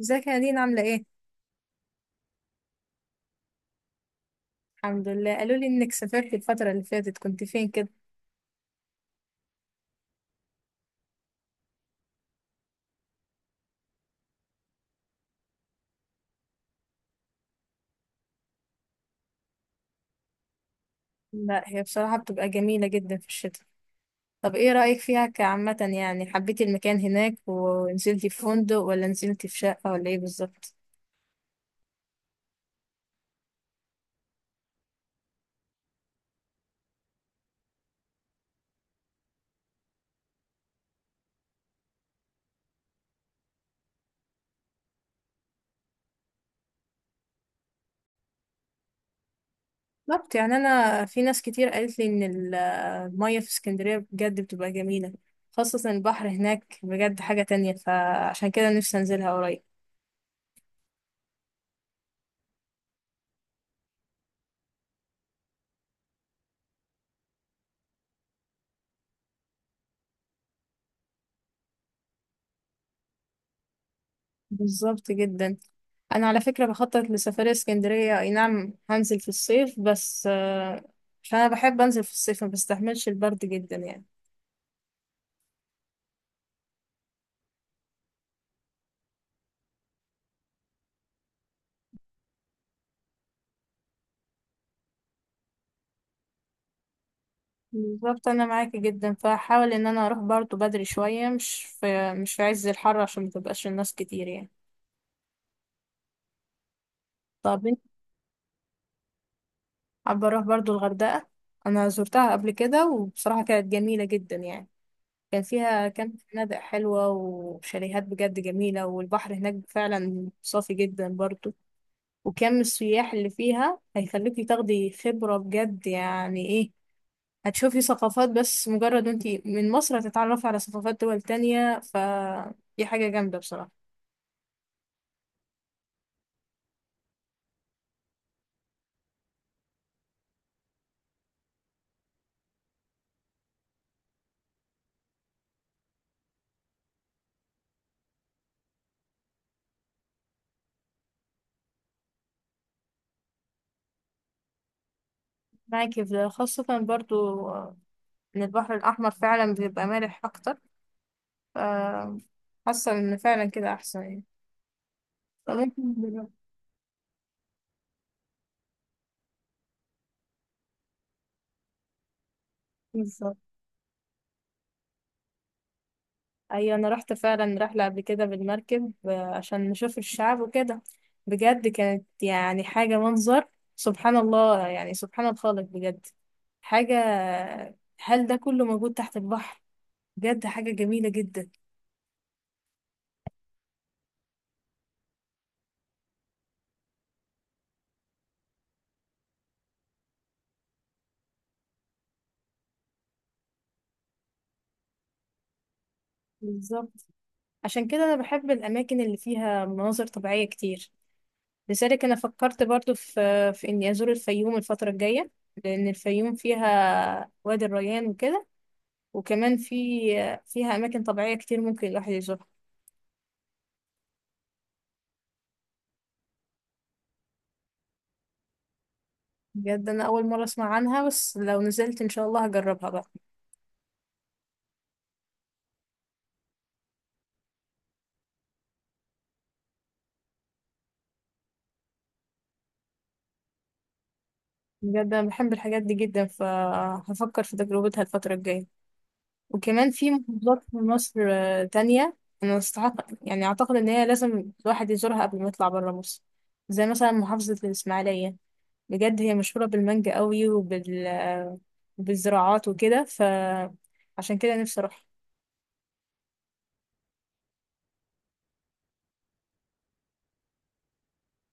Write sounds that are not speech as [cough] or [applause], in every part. ازيك يا دينا عاملة ايه؟ الحمد لله قالوا لي انك سافرت الفترة اللي فاتت كنت فين كده؟ لا هي بصراحة بتبقى جميلة جدا في الشتاء. طب ايه رأيك فيها كعامة؟ يعني حبيتي المكان هناك ونزلتي في فندق ولا نزلتي في شقة ولا ايه بالظبط؟ بالظبط. يعني انا في ناس كتير قالت لي ان المية في اسكندرية بجد بتبقى جميلة، خاصة البحر هناك بجد حاجة تانية، فعشان كده نفسي انزلها قريب. بالظبط جدا. انا على فكره بخطط لسفريه اسكندريه، اي نعم هنزل في الصيف بس عشان انا بحب انزل في الصيف، ما بستحملش البرد جدا يعني. بالظبط، انا معاكي جدا، فحاول ان انا اروح برضه بدري شويه، مش في عز الحر، عشان ما تبقاش الناس كتير يعني. طب انت، حابه اروح برضه الغردقه. انا زرتها قبل كده وبصراحه كانت جميله جدا يعني. كان فيها كام فنادق حلوه وشاليهات بجد جميله، والبحر هناك فعلا صافي جدا برضه. وكم السياح اللي فيها هيخليكي تاخدي خبرة بجد، يعني ايه، هتشوفي ثقافات. بس مجرد انتي من مصر هتتعرفي على ثقافات دول تانية، فدي حاجة جامدة بصراحة. معاكي في ده خاصة برضو، ان البحر الأحمر فعلا بيبقى مالح أكتر. ف- حاسة ان فعلا كده أحسن يعني. فممكن دلوقتي- بالظبط. ايوه انا رحت فعلا رحله قبل كده بالمركب، عشان نشوف الشعاب وكده. بجد كانت يعني حاجه، منظر، سبحان الله، يعني سبحان الخالق بجد. حاجه، هل ده كله موجود تحت البحر؟ بجد حاجه جميله جدا. بالظبط. عشان كده انا بحب الاماكن اللي فيها مناظر طبيعيه كتير. لذلك انا فكرت برضو في اني ازور الفيوم الفتره الجايه، لان الفيوم فيها وادي الريان وكده. وكمان في، فيها اماكن طبيعيه كتير ممكن الواحد يزورها. بجد انا اول مره اسمع عنها، بس لو نزلت ان شاء الله هجربها بقى. بجد انا بحب الحاجات دي جدا، فهفكر في تجربتها الفتره الجايه. وكمان في محافظات في مصر تانية. انا استحق، يعني اعتقد ان هي لازم الواحد يزورها قبل ما يطلع برا مصر، زي مثلا محافظه الاسماعيليه. بجد هي مشهوره بالمانجا قوي، وبال آه، بالزراعات وكده، فعشان كده نفسي اروحها.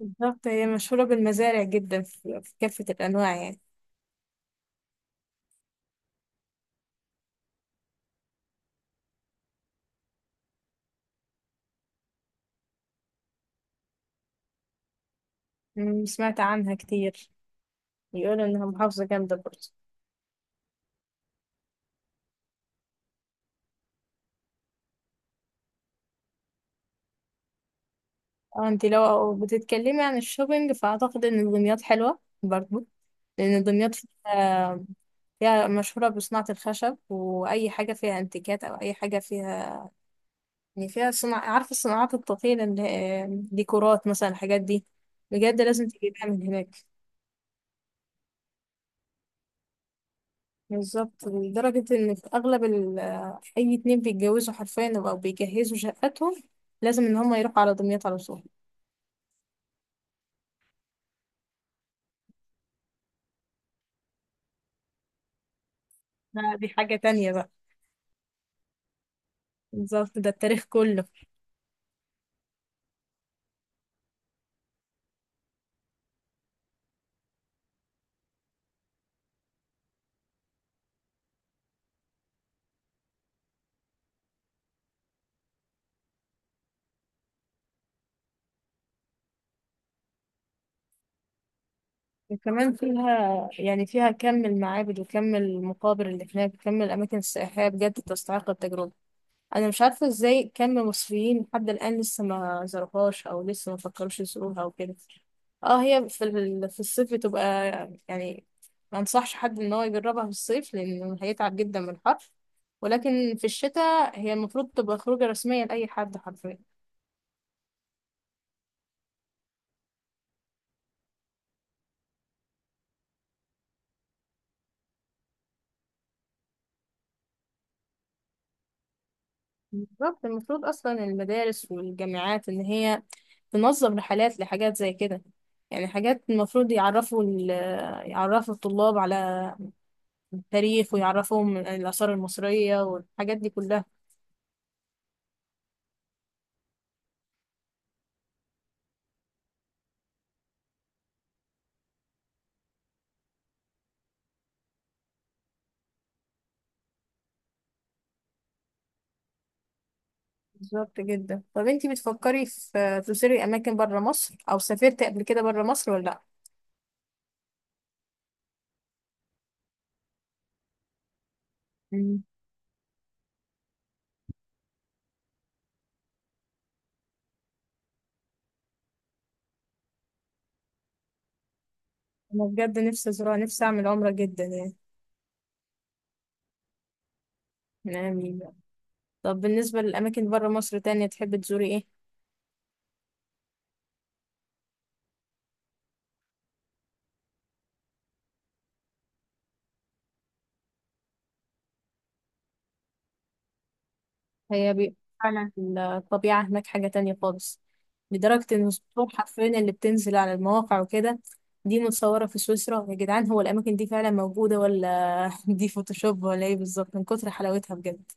بالظبط هي مشهوره بالمزارع جدا، في كافه الانواع يعني. سمعت عنها كتير. يقولوا انها محافظة جامدة برضه. اه انت لو بتتكلمي عن الشوبينج، فاعتقد ان دمياط حلوة برضه. لان دمياط فيها، فيها مشهورة بصناعة الخشب، واي حاجة فيها انتيكات او اي حاجة فيها، يعني فيها صناعة، عارفة الصناعات الطفيلة اللي هي ديكورات مثلا، الحاجات دي بجد لازم تجيبها من هناك. بالظبط، لدرجة ان في اغلب اي اتنين بيتجوزوا حرفيا او بيجهزوا شقتهم، لازم ان هم يروحوا على دمياط على طول. لا، دي حاجة تانية بقى. بالظبط، ده التاريخ كله. وكمان فيها يعني فيها كم المعابد وكم المقابر اللي هناك وكم الأماكن السياحية، بجد تستحق التجربة. أنا مش عارفة إزاي كم مصريين لحد الآن لسه ما زاروهاش، أو لسه ما فكروش يزوروها أو كده. اه هي في الصيف بتبقى يعني، ما انصحش حد ان هو يجربها في الصيف لانه هيتعب جدا من الحر. ولكن في الشتاء هي المفروض تبقى خروجة رسمية لأي حد حرفيا. بالظبط، المفروض اصلا المدارس والجامعات ان هي تنظم رحلات لحاجات زي كده. يعني حاجات المفروض يعرفوا الطلاب على التاريخ، ويعرفوهم الآثار المصرية والحاجات دي كلها. بالظبط جدا. طب انتي بتفكري في تزوري اماكن بره مصر، او سافرتي قبل كده بره مصر ولا لا؟ مم. انا بجد نفسي ازورها، نفسي اعمل عمرة جدا يعني، من أيامي. طب بالنسبة للاماكن بره مصر تانية، تحبي تزوري ايه؟ هي بي... فعلا الطبيعة هناك حاجة تانية خالص، لدرجة إن الصور حرفيا اللي بتنزل على المواقع وكده، دي متصورة في سويسرا يا جدعان، هو الأماكن دي فعلا موجودة، ولا [laughs] دي فوتوشوب ولا إيه بالظبط، من كتر حلاوتها بجد.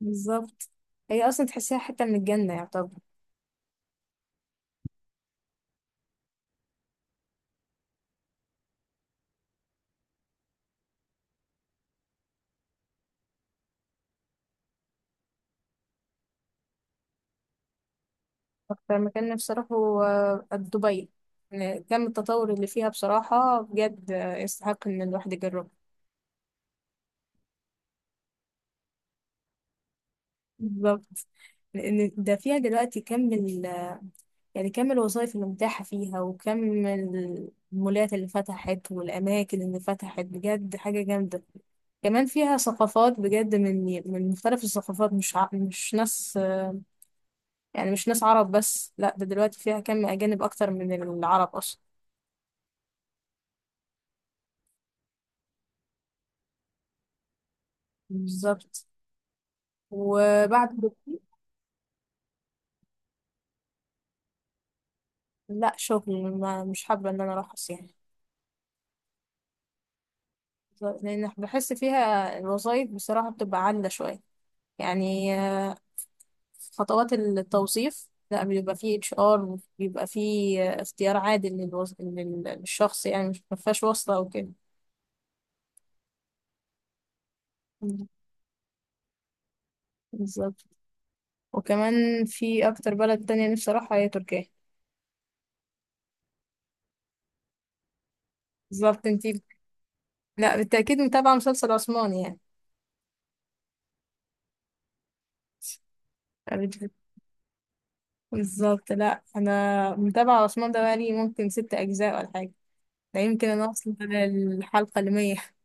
بالظبط، هي أصلا تحسيها حتة من الجنة يعتبر. أكتر مكان نفسي أروحه، دبي. يعني كم التطور اللي فيها بصراحة بجد، يستحق إن الواحد يجربه. بالظبط، لأن ده فيها دلوقتي كم ال، يعني كم الوظائف اللي متاحة فيها، وكم المولات اللي فتحت والأماكن اللي فتحت، بجد حاجة جامدة. كمان فيها ثقافات بجد، من مختلف الثقافات، مش ناس، يعني مش ناس عرب بس، لا ده دلوقتي فيها كم أجانب أكتر من العرب أصلا. بالظبط. وبعد، لا شغل ما، مش حابة إن أنا أروح يعني. لأن بحس فيها الوظائف بصراحة بتبقى عالية شوية، يعني خطوات التوظيف، لا بيبقى فيه HR، بيبقى فيه اختيار عادل للشخص، يعني مش مفيهاش واسطة او كده. مم. بالظبط. وكمان في اكتر بلد تانية نفسي اروحها هي تركيا. بالظبط انتي. لا بالتأكيد، متابعة مسلسل عثماني يعني. بت- بالظبط. لا انا متابعة عثمان ده بقالي ممكن 6 اجزاء ولا حاجة، ده يمكن انا اوصل على الحلقة 100 [laughs]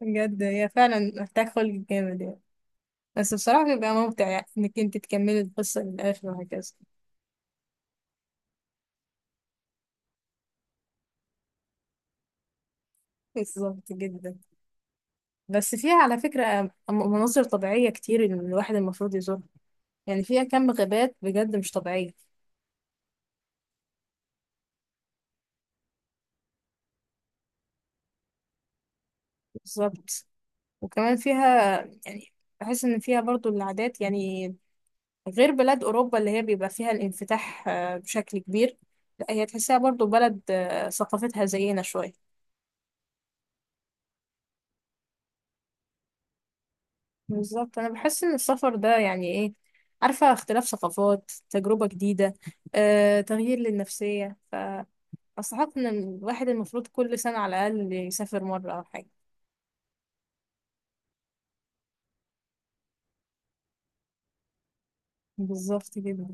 بجد هي فعلا محتاج خلق جامد يعني، بس بصراحة بيبقى ممتع يعني انك انت تكملي القصة للآخر وهكذا. بالظبط جدا. بس فيها على فكرة مناظر طبيعية كتير، إن الواحد المفروض يزورها. يعني فيها كم غابات بجد مش طبيعية. بالظبط. وكمان فيها يعني، بحس ان فيها برضو العادات يعني، غير بلاد اوروبا اللي هي بيبقى فيها الانفتاح بشكل كبير. لا هي تحسها برضو بلد ثقافتها زينا شوية. بالظبط، انا بحس ان السفر ده يعني ايه، عارفه اختلاف ثقافات، تجربه جديده، تغيير للنفسيه، فاستحق ان الواحد المفروض كل سنه على الاقل يسافر مره او حاجه. بالظبط كده.